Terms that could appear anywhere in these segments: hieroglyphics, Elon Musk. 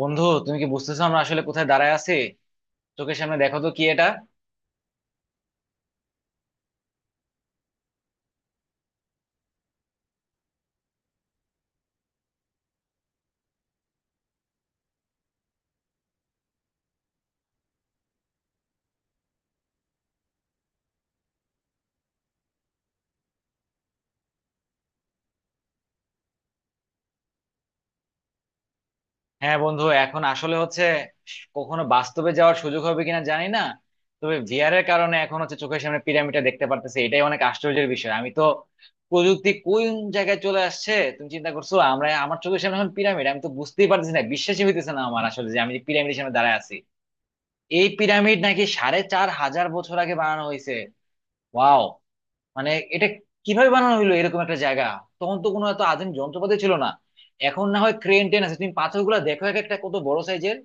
বন্ধু, তুমি কি বুঝতেছো আমরা আসলে কোথায় দাঁড়ায় আছি? চোখের সামনে দেখো তো কি এটা। হ্যাঁ বন্ধু, এখন আসলে হচ্ছে কখনো বাস্তবে যাওয়ার সুযোগ হবে কিনা জানি না, তবে ভিআর এর কারণে এখন হচ্ছে চোখের সামনে পিরামিডটা দেখতে পারতেছি, এটাই অনেক আশ্চর্যের বিষয়। আমি তো, প্রযুক্তি কোন জায়গায় চলে আসছে তুমি চিন্তা করছো, আমরা আমার চোখের সামনে এখন পিরামিড, আমি তো বুঝতেই পারতেছি না, বিশ্বাসই হইতেছে না আমার আসলে যে আমি পিরামিডের সামনে দাঁড়ায় আছি। এই পিরামিড নাকি 4,500 বছর আগে বানানো হয়েছে। ওয়াও, মানে এটা কিভাবে বানানো হলো এরকম একটা জায়গা। তখন তো কোনো এত আধুনিক যন্ত্রপাতি ছিল না, এখন না হয় ক্রেন টেন আছে। তুমি পাথরগুলো দেখো, এক একটা কত বড় সাইজের।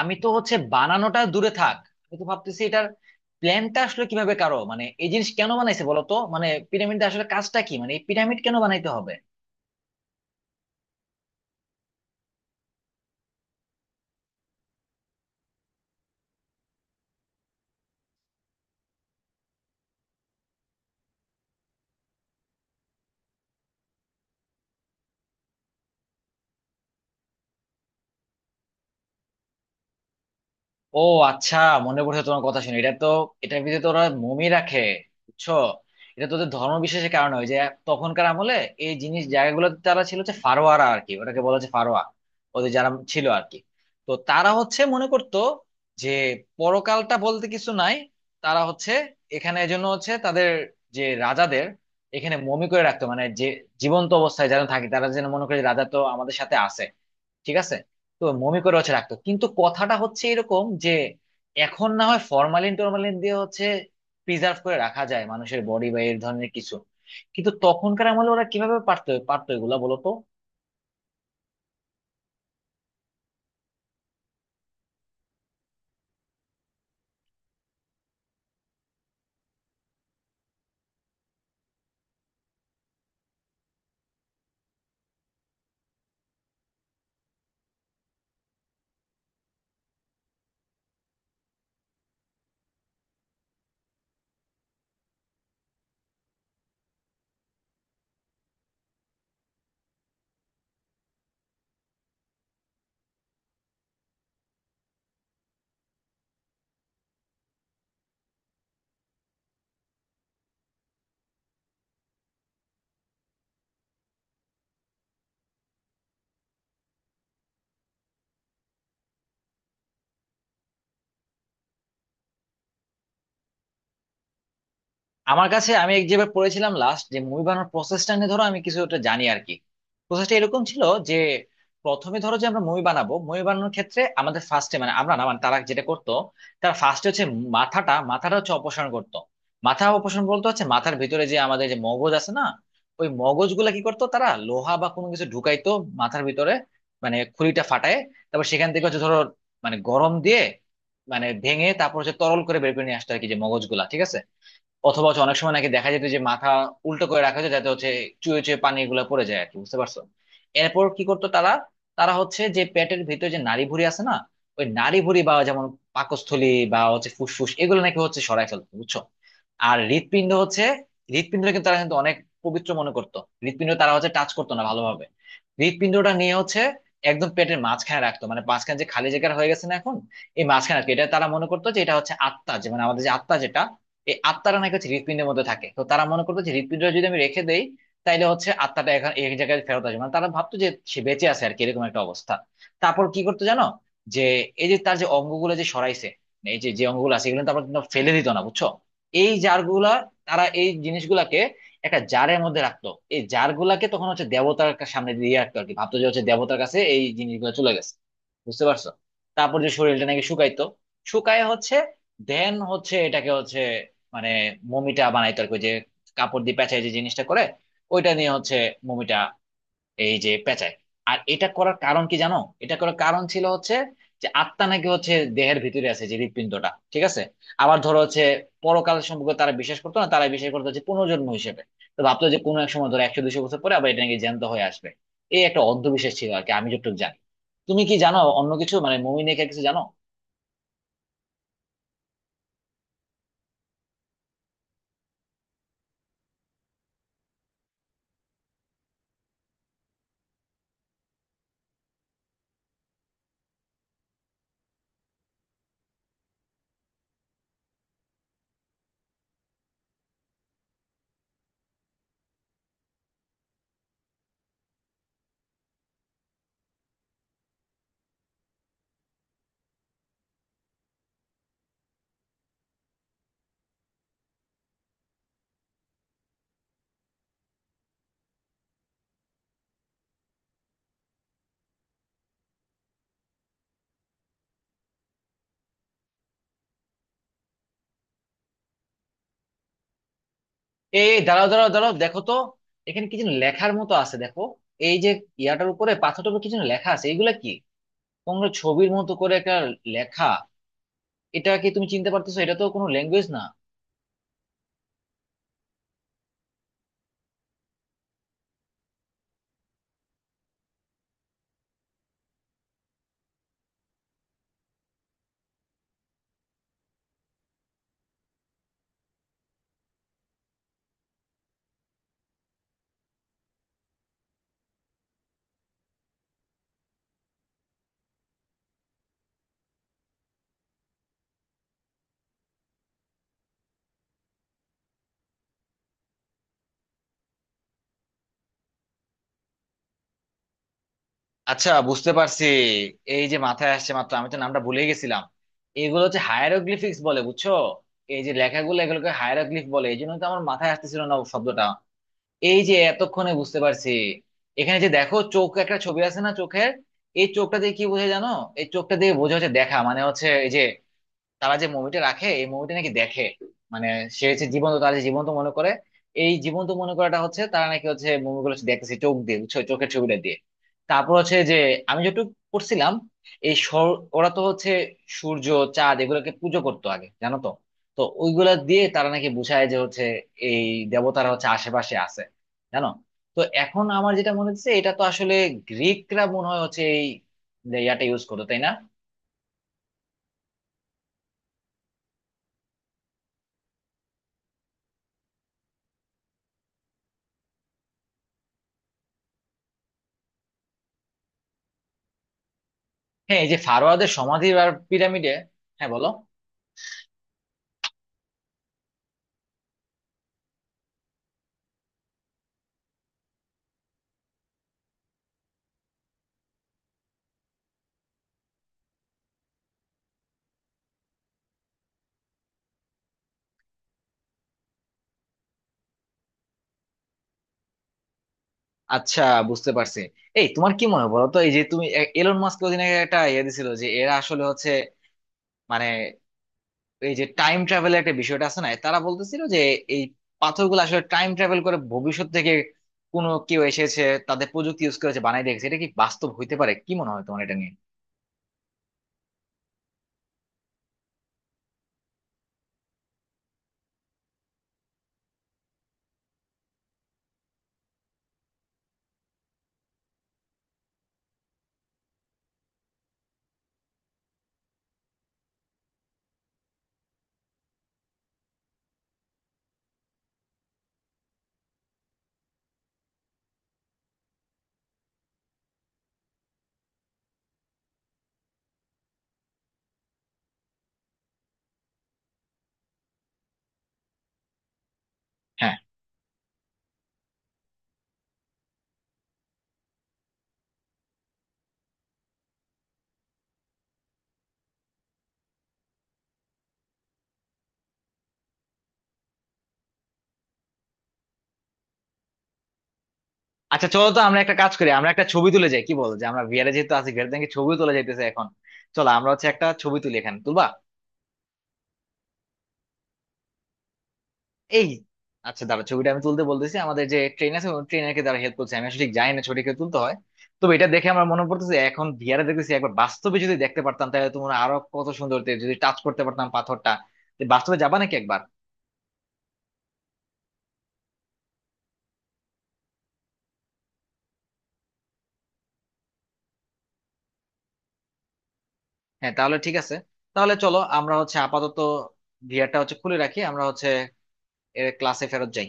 আমি তো হচ্ছে বানানোটা দূরে থাক, আমি তো ভাবতেছি এটার প্ল্যানটা আসলে কিভাবে কারো, মানে এই জিনিস কেন বানাইছে বলো তো, মানে পিরামিডটা আসলে কাজটা কি, মানে এই পিরামিড কেন বানাইতে হবে। ও আচ্ছা, মনে পড়ছে তোমার কথা শুনে, এটা তো, এটার ভিতরে তো ওরা মমি রাখে, বুঝছো। এটা তো ওদের ধর্ম বিশেষের কারণে হয় যে তখনকার আমলে এই জিনিস জায়গাগুলো, তারা ছিল হচ্ছে ফারোয়ারা আর কি, ওটাকে বলা হচ্ছে ফারোয়া, ওদের যারা ছিল আর কি। তো তারা হচ্ছে মনে করতো যে পরকালটা বলতে কিছু নাই। তারা হচ্ছে এখানে এজন্য হচ্ছে তাদের যে রাজাদের এখানে মমি করে রাখতো, মানে যে জীবন্ত অবস্থায় যারা থাকে তারা যেন মনে করে যে রাজা তো আমাদের সাথে আছে, ঠিক আছে। তো মমি করে হচ্ছে রাখতো, কিন্তু কথাটা হচ্ছে এরকম যে এখন না হয় ফরমালিন টরমালিন দিয়ে হচ্ছে প্রিজার্ভ করে রাখা যায় মানুষের বডি বা এই ধরনের কিছু, কিন্তু তখনকার আমলে ওরা কিভাবে পারতো পারতো এগুলা বলতো। আমার কাছে, আমি এক যেবার পড়েছিলাম লাস্ট, যে মুভি বানানোর প্রসেসটা নিয়ে, ধরো আমি কিছু একটা জানি আর কি। প্রসেসটা এরকম ছিল যে প্রথমে ধরো যে আমরা মুভি বানাবো, মুভি বানানোর ক্ষেত্রে আমাদের ফার্স্টে, মানে আমরা না, মানে তারা যেটা করতো, তারা ফার্স্টে হচ্ছে মাথাটা মাথাটা হচ্ছে অপসারণ করতো। মাথা অপসারণ বলতে হচ্ছে মাথার ভিতরে যে আমাদের যে মগজ আছে না, ওই মগজগুলা কি করতো, তারা লোহা বা কোনো কিছু ঢুকাইতো মাথার ভিতরে, মানে খুলিটা ফাটায়, তারপর সেখান থেকে হচ্ছে ধরো মানে গরম দিয়ে মানে ভেঙে তারপর হচ্ছে তরল করে বের করে নিয়ে আসতো আর কি, যে মগজগুলা, ঠিক আছে। অথবা হচ্ছে অনেক সময় নাকি দেখা যেত যে মাথা উল্টো করে রাখা হতো যাতে হচ্ছে চুয়ে চুয়ে পানি এগুলো পড়ে যায় আর কি, বুঝতে পারছো। এরপর কি করতো তারা, তারা হচ্ছে যে পেটের ভিতরে যে নাড়িভুঁড়ি আছে না, ওই নাড়িভুঁড়ি বা যেমন পাকস্থলী বা হচ্ছে ফুসফুস এগুলো নাকি হচ্ছে সরায় ফেলতো, বুঝছো। আর হৃৎপিণ্ড হচ্ছে, হৃৎপিণ্ডটা কিন্তু তারা কিন্তু অনেক পবিত্র মনে করতো। হৃৎপিণ্ড তারা হচ্ছে টাচ করতো না ভালোভাবে, হৃৎপিণ্ডটা নিয়ে হচ্ছে একদম পেটের মাঝখানে রাখতো, মানে মাঝখানে যে খালি জায়গা হয়ে গেছে না এখন, এই মাঝখানে রাখতো। এটা তারা মনে করতো যে এটা হচ্ছে আত্মা, যে মানে আমাদের যে আত্মা যেটা, এই আত্মাটা নাকি হচ্ছে হৃৎপিণ্ডের মধ্যে থাকে, তো তারা মনে করতো যে হৃৎপিণ্ডটা যদি আমি রেখে দেই, তাইলে হচ্ছে আত্মাটা এখন এক জায়গায় ফেরত আসবে, মানে তারা ভাবতো যে সে বেঁচে আছে আর কি, এরকম একটা অবস্থা। তারপর কি করতো জানো, যে এই যে তার যে অঙ্গগুলো যে সরাইছে, মানে এই যে যে অঙ্গগুলো আছে এগুলো তারপর কিন্তু ফেলে দিত না, বুঝছো। এই জারগুলা, তারা এই জিনিসগুলাকে একটা জারের মধ্যে রাখতো। এই জারগুলাকে তখন হচ্ছে দেবতার সামনে দিয়ে রাখতো আর কি, ভাবতো যে হচ্ছে দেবতার কাছে এই জিনিসগুলো চলে গেছে, বুঝতে পারছো। তারপর যে শরীরটা নাকি শুকাইতো, শুকায় হচ্ছে দেন হচ্ছে এটাকে হচ্ছে মানে মমিটা বানাইতো আর কি, ওই যে কাপড় দিয়ে পেঁচায় যে জিনিসটা করে, ওইটা নিয়ে হচ্ছে মমিটা, এই যে পেঁচায়। আর এটা করার কারণ কি জানো, এটা করার কারণ ছিল হচ্ছে যে আত্মা নাকি হচ্ছে দেহের ভিতরে আছে যে হৃৎপিণ্ডটা, ঠিক আছে। আবার ধরো হচ্ছে পরকাল সম্পর্কে তারা বিশ্বাস করতো না, তারা বিশ্বাস করতো হচ্ছে পুনর্জন্ম হিসেবে। তো ভাবতো যে কোনো এক সময় ধরো 100-200 বছর পরে আবার এটা নাকি জ্যান্ত হয়ে আসবে, এই একটা অন্ধবিশ্বাস ছিল আর কি, আমি যতটুকু জানি। তুমি কি জানো অন্য কিছু, মানে মমি নিয়ে কিছু জানো? এই দাঁড়াও দাঁড়াও দাঁড়াও, দেখো তো এখানে কি যেন লেখার মতো আছে, দেখো, এই যে ইয়াটার উপরে, পাথরটার উপরে কি যেন লেখা আছে, এগুলা কি? কোনো ছবির মতো করে একটা লেখা, এটা কি তুমি চিনতে পারতেছো? এটা তো কোনো ল্যাঙ্গুয়েজ না। আচ্ছা, বুঝতে পারছি, এই যে মাথায় আসছে মাত্র, আমি তো নামটা ভুলে গেছিলাম, এগুলো হচ্ছে হায়ারোগ্লিফিক্স বলে, বুঝছো। এই যে লেখাগুলো, এগুলোকে হায়ারোগ্লিফ বলে, এই জন্য তো আমার মাথায় আসতেছিল না শব্দটা, এই যে এতক্ষণে বুঝতে পারছি। এখানে যে দেখো চোখ একটা ছবি আছে না, চোখের, এই চোখটা দিয়ে কি বোঝায় জানো? এই চোখটা দিয়ে বোঝা হচ্ছে দেখা, মানে হচ্ছে এই যে তারা যে মুভিটা রাখে, এই মুভিটা নাকি দেখে, মানে সে হচ্ছে জীবন্ত, তারা যে জীবন্ত মনে করে, এই জীবন্ত মনে করাটা হচ্ছে তারা নাকি হচ্ছে মুভিগুলো দেখতেছে চোখ দিয়ে, বুঝছো, চোখের ছবিটা দিয়ে। তারপর হচ্ছে যে আমি যেটুকু পড়ছিলাম, এই ওরা তো হচ্ছে সূর্য চাঁদ এগুলোকে পুজো করতো আগে, জানো তো। তো ওইগুলা দিয়ে তারা নাকি বুঝায় যে হচ্ছে এই দেবতারা হচ্ছে আশেপাশে আছে, জানো। তো এখন আমার যেটা মনে হচ্ছে এটা তো আসলে গ্রিকরা মনে হয় হচ্ছে এই ইয়াটা ইউজ করতো, তাই না? হ্যাঁ, এই যে ফারোয়াদের সমাধি আর পিরামিডে। হ্যাঁ বলো। আচ্ছা, বুঝতে পারছি। এই তোমার কি মনে হয় বলো তো, এই যে তুমি, এলন মাস্ক ওদিন আগে একটা ইয়ে দিছিল যে এরা আসলে হচ্ছে, মানে এই যে টাইম ট্রাভেলের একটা বিষয়টা আছে না, তারা বলতেছিল যে এই পাথরগুলো আসলে টাইম ট্রাভেল করে ভবিষ্যৎ থেকে কোনো কেউ এসেছে, তাদের প্রযুক্তি ইউজ করেছে, বানাই দেখেছে, এটা কি বাস্তব হইতে পারে? কি মনে হয় তোমার এটা নিয়ে? হ্যাঁ। আচ্ছা চলো তো, আমরা একটা কাজ করি, আমরা একটা ছবি তুলে যাই কি বল, যে আমরা ভিআরে যেহেতু আছি, ভিআরে থেকে ছবিও তুলে যাইতেছে এখন। চলো আমরা হচ্ছে একটা ছবি তুলি, এখানে তুলবা? এই, আচ্ছা দাঁড়া, ছবিটা আমি তুলতে বলতেছি আমাদের যে ট্রেন আছে ট্রেনারকে, তারা হেল্প করছে, আমি আসলে ঠিক জানি না ছবিটাকে তুলতে হয়। তবে এটা দেখে আমার মনে পড়তেছে, এখন ভিআরে দেখতেছি, একবার বাস্তবে যদি দেখতে পারতাম, তাহলে তোমার আরো কত সুন্দর হতো। যদি টাচ করতে পারতাম পাথরটা। তো বাস্তবে যাবা নাকি একবার? হ্যাঁ তাহলে ঠিক আছে। তাহলে চলো আমরা হচ্ছে আপাতত ভিআরটা হচ্ছে খুলে রাখি, আমরা হচ্ছে ক্লাসে ফেরত যাই।